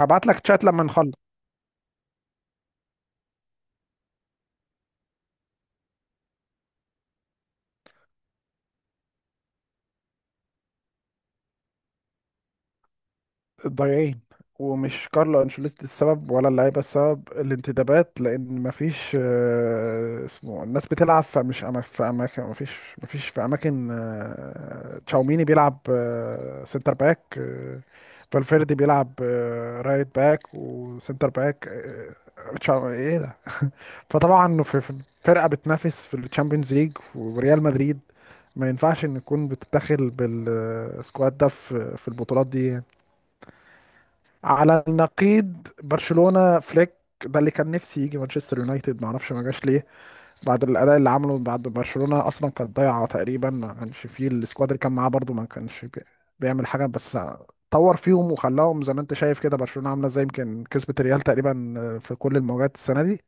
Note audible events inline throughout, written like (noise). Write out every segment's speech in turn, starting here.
هبعت لك تشات لما نخلص الضايعين. ومش كارلو انشيلوتي السبب ولا اللعيبه السبب، الانتدابات، لان مفيش اسمه الناس بتلعب. في اماكن مفيش، في اماكن تشاوميني بيلعب سنتر باك فالفيردي بيلعب رايت باك وسنتر باك. آه، تشاو- ايه ده فطبعا في فرقه بتنافس في الشامبيونز ليج وريال مدريد، ما ينفعش ان تكون بتتدخل بالسكواد ده في البطولات دي. على النقيض برشلونه فليك، ده اللي كان نفسي يجي مانشستر يونايتد، ما اعرفش ما جاش ليه. بعد الاداء اللي عمله، بعد برشلونه اصلا كانت ضايعه تقريبا، ما كانش فيه السكواد اللي كان معاه برضو، ما كانش بيعمل حاجه، بس طور فيهم وخلاهم زي ما انت شايف كده. برشلونه عامله زي يمكن كسبت الريال تقريبا في كل المواجهات السنه دي.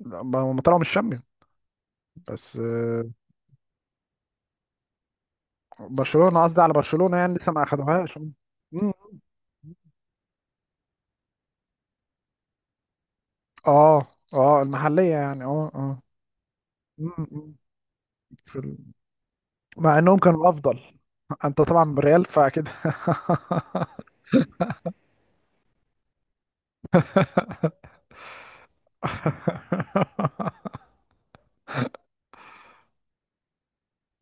لا، ما هم طلعوا من الشامبيون بس برشلونة، قصدي على برشلونة يعني لسه ما اخدوهاش. مم. اه، اه المحلية يعني اه اه. مم، مم. في ال... مع انهم كانوا افضل. (laughs) انت طبعا بالريال فاكيد. (laughs)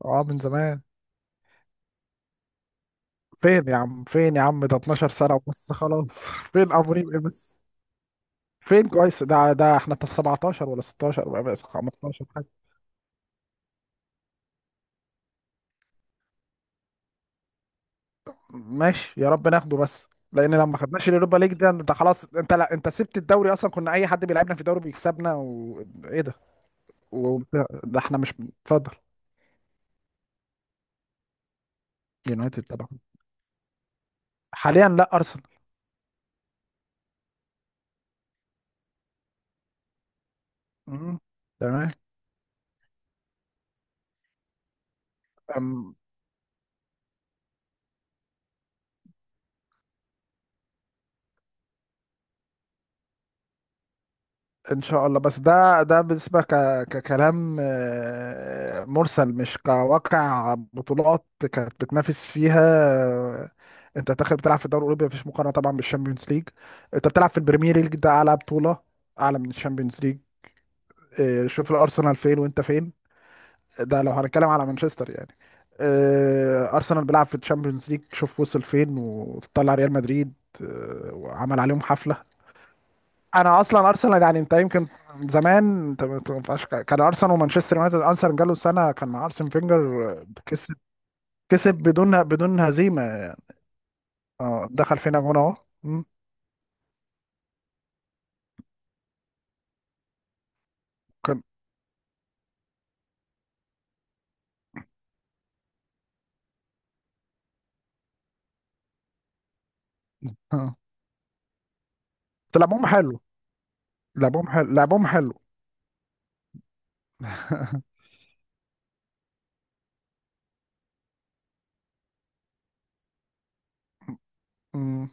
اه، من زمان. فين يا عم، فين يا عم، ده 12 سنة ونص خلاص. (laughs) فين ابو ريم ايه بس؟ فين كويس ده؟ ده احنا 17 ولا 16 ولا 15 حاجة. ماشي يا رب ناخده، بس لان لو ما خدناش اليوروبا ليج ده، انت خلاص، انت لا، انت سبت الدوري اصلا، كنا اي حد بيلعبنا في الدوري بيكسبنا، وايه ده. و... ده احنا مش اتفضل. يونايتد طبعا. حاليا لا، ارسنال. مم. تمام. أم، ان شاء الله، بس ده ده بالنسبه ك... ككلام مرسل، مش كواقع بطولات كانت بتنافس فيها. آه، انت داخل بتلعب في الدوري الاوروبي، مفيش مقارنه طبعا بالشامبيونز ليج. انت بتلعب في البريمير ليج، ده اعلى بطوله، اعلى من الشامبيونز ليج. إيه، شوف الارسنال فين وانت فين، ده لو هنتكلم على مانشستر يعني. إيه، ارسنال بيلعب في الشامبيونز ليج، شوف وصل فين، وطلع ريال مدريد. إيه، وعمل عليهم حفله. انا اصلا ارسنال يعني، انت يمكن زمان، انت ما تنفعش، كان ارسنال ومانشستر يونايتد. ارسنال جاله سنه كان مع ارسن فينجر، كسب، كسب بدون هزيمه. اه دخل فينا جون اهو. مم، كان اه. بس لعبهم حلو، لعبهم حلو. مم.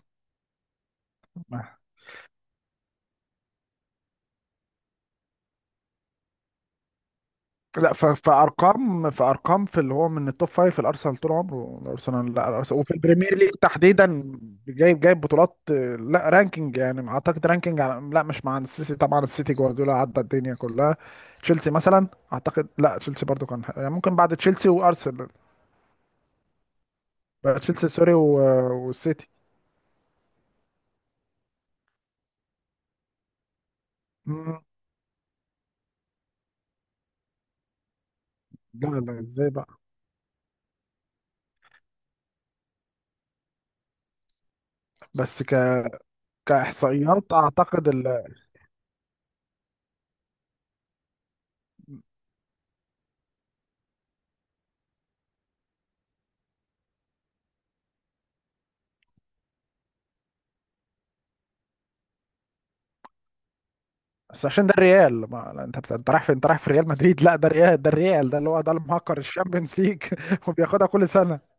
لا، فارقام، فارقام في اللي هو من التوب فايف. الارسنال طول عمره الارسنال، لا الارسنال وفي البريمير ليج تحديدا، جايب، جايب بطولات. لا رانكينج يعني، اعتقد رانكينج لا مش مع السيسي طبعا، السيتي جوارديولا عدى الدنيا كلها. تشيلسي مثلا اعتقد، لا تشيلسي برضو كان يعني، ممكن بعد تشيلسي وارسنال بقى، تشيلسي سوري والسيتي. مم. لا لا، ازاي بقى؟ بس ك... كاحصائيات اعتقد. بس عشان ده الريال ما، لا، انت رايح في، انت رايح في ريال مدريد. لا ده الريال، ده الريال ده اللي هو ده المهكر الشامبيونز ليج، (laughs) وبياخدها كل سنه.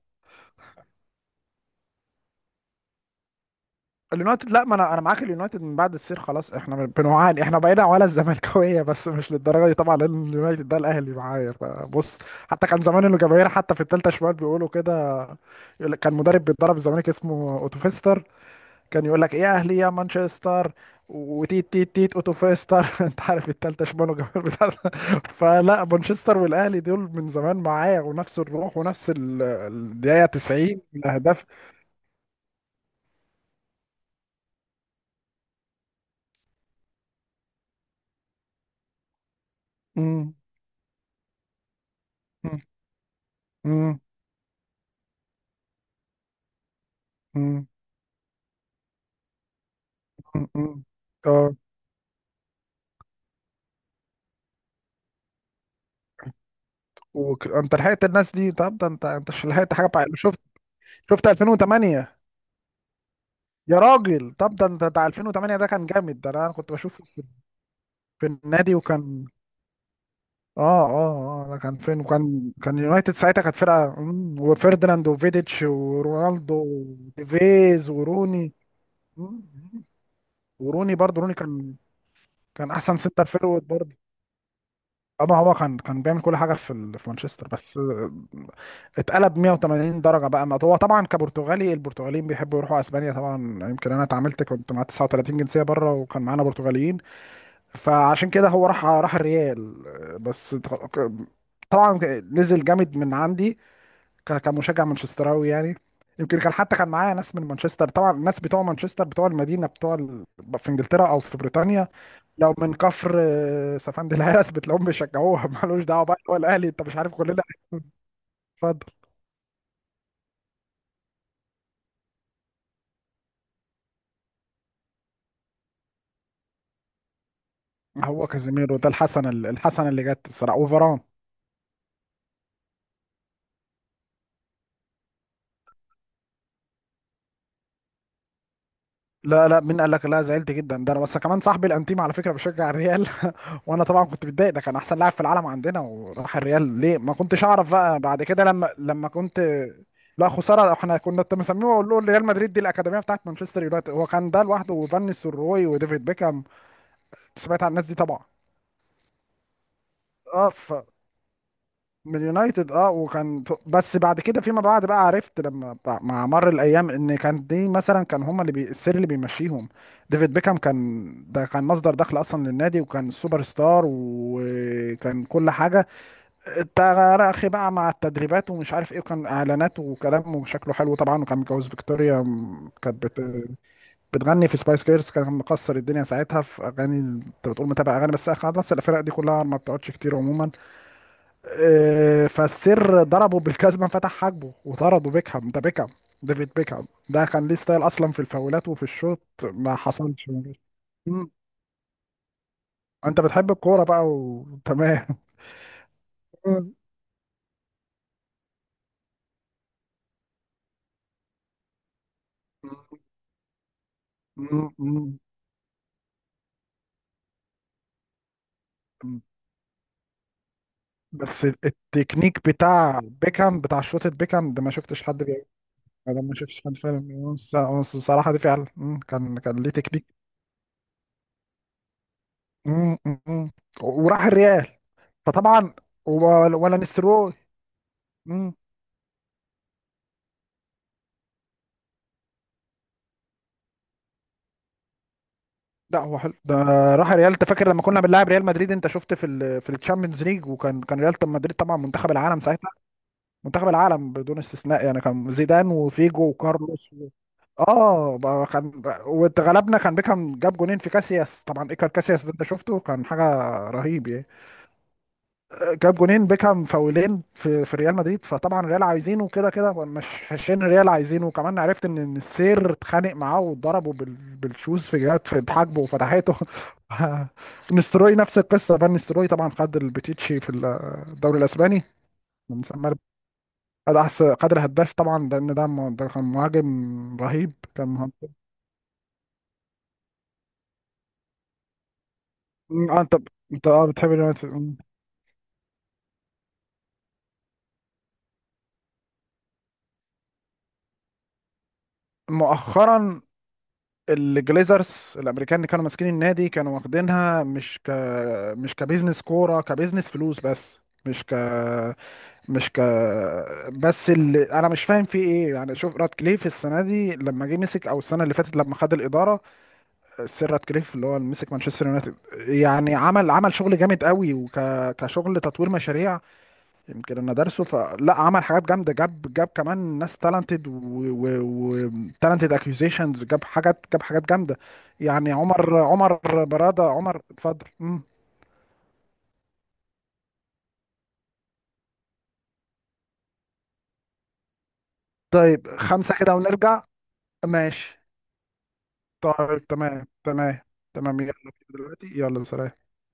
اليونايتد لا، ما انا معاك، اليونايتد من بعد السير خلاص احنا بنعاني، احنا بقينا ولا الزملكاويه، بس مش للدرجه دي طبعا، لان اليونايتد ده الاهلي معايا، فبص. حتى كان زمان الجماهير حتى في الثالثه شمال بيقولوا كده، يقول لك كان مدرب بيتدرب الزمالك اسمه اوتوفيستر، كان يقول لك يا اهلي يا مانشستر، وتيت تيت تيت اوتو فيستر. (laughs) انت عارف التالتة شمال وجمال بتاع ده. (laughs) فلا، مانشستر والاهلي دول من زمان معايا، ونفس الروح، ونفس الدقيقة 90 الاهداف. امم امم امم امم اه. انت لحقت الناس دي؟ طب ده انت، انت مش لحقت حاجه بقى. شفت، شفت 2008؟ يا راجل، طب ده انت بتاع 2008 ده، كان جامد ده، انا كنت بشوفه في في النادي، وكان اه اه اه، ده كان فين؟ وكان كان يونايتد ساعتها كانت فرقة، وفيرديناند وفيديتش ورونالدو وديفيز وروني. مم، مم. وروني برضه، روني كان كان احسن سنتر فيرود برضه، اما هو كان كان بيعمل كل حاجة في مانشستر، بس اتقلب 180 درجة بقى. ما هو طبعا كبرتغالي، البرتغاليين بيحبوا يروحوا اسبانيا طبعا. يمكن انا اتعاملت، كنت مع 39 جنسية بره، وكان معانا برتغاليين، فعشان كده هو راح، راح الريال. بس طبعا نزل جامد من عندي، كمشجع مانشستراوي يعني. يمكن كان، حتى كان معايا ناس من مانشستر طبعا، الناس بتوع مانشستر بتوع المدينه في انجلترا او في بريطانيا، لو من كفر سفند الهرس بتلاقيهم بيشجعوها. (laughs) مالوش دعوه بقى، هو الاهلي انت مش عارف، كلنا. اتفضل. هو كازيميرو ده الحسنه، الحسنه اللي جت الصراحه، وفاران. لا لا، مين قال لك؟ لا زعلت جدا، ده انا بس كمان صاحبي الانتيم على فكره بيشجع الريال، وانا طبعا كنت متضايق، ده كان احسن لاعب في العالم عندنا وراح الريال ليه، ما كنتش اعرف بقى بعد كده، لما كنت. لا خساره، احنا كنا مسميه، اقول له ريال مدريد دي الاكاديميه بتاعت مانشستر يونايتد، هو كان ده لوحده، وفان نيستلروي، وديفيد بيكهام. سمعت عن الناس دي طبعا. اه ف من يونايتد اه. وكان بس بعد كده فيما بعد بقى عرفت، لما مع مر الايام، ان كان دي مثلا كان هما اللي السر اللي بيمشيهم. ديفيد بيكهام كان، ده كان مصدر دخل اصلا للنادي، وكان سوبر ستار، وكان كل حاجه، انت يا اخي بقى مع التدريبات ومش عارف ايه، وكان اعلانات وكلام، وشكله حلو طبعا، وكان متجوز فيكتوريا، كانت بتغني في سبايس جيرلز، كان مكسر الدنيا ساعتها في اغاني. انت بتقول متابع اغاني، بس خلاص الفرق دي كلها ما بتقعدش كتير عموما. اه، فالسر ضربه بالكازما فتح حاجبه وطرده، بيكهام ده، بيكهام، ديفيد بيكهام ده كان ليه ستايل اصلا في الفاولات وفي الشوط، ما حصلش. مم. انت بتحب الكوره بقى وتمام. مم. مم. بس التكنيك بتاع بيكهام بتاع شوطة بيكهام ده، ما شفتش حد بيعمله. ده ما شفتش حد فعلا بيعمله. الصراحة دي فعلا، كان كان ليه تكنيك. مم، مم، مم. وراح الريال. فطبعا ولا نستروي. مم. لا هو حلو ده، راح الريال. انت فاكر لما كنا بنلاعب ريال مدريد؟ انت شفت في ال في الشامبيونز ليج، وكان كان ريال مدريد طبعا منتخب العالم ساعتها، منتخب العالم بدون استثناء يعني، كان زيدان وفيجو وكارلوس اه بقى كان، واتغلبنا، كان بيكهام جاب جونين في كاسياس، طبعا ايكر كاسياس ده انت شفته، كان حاجه رهيب يعني. جاب جونين بيكهام فاولين في في ريال مدريد، فطبعا الريال عايزينه كده كده، مش حشين، الريال عايزينه. وكمان عرفت ان، إن السير اتخانق معاه واتضربه بالشوز في جهات في حاجبه وفتحته. (laughs) نستروي نفس القصه، فان نستروي طبعا خد البتيتشي في الدوري الاسباني من سما، هذا احسن قدر هداف طبعا، لان ده ده كان مهاجم رهيب، كان مهاجم. اه انت، بتحب اليونايتد. أمم. مؤخرا الجليزرز الامريكان اللي كانوا ماسكين النادي كانوا واخدينها مش ك مش كبزنس كوره، كبزنس فلوس بس، مش ك مش ك بس اللي انا مش فاهم فيه ايه يعني، شوف راتكليف السنه دي لما جه مسك، او السنه اللي فاتت لما خد الاداره، السير راتكليف اللي هو اللي مسك مانشستر يونايتد، يعني عمل، عمل شغل جامد قوي، كشغل تطوير مشاريع، يمكن انا دارسه، فلا عمل حاجات جامده، جاب، جاب كمان ناس تالنتد وتالنتد اكيوزيشنز، جاب حاجات، جاب حاجات جامده. يعني عمر، عمر براده، عمر اتفضل. مم. طيب خمسه كده ونرجع. ماشي. طيب تمام، تمام. تمام يلا دلوقتي، يلا سلام.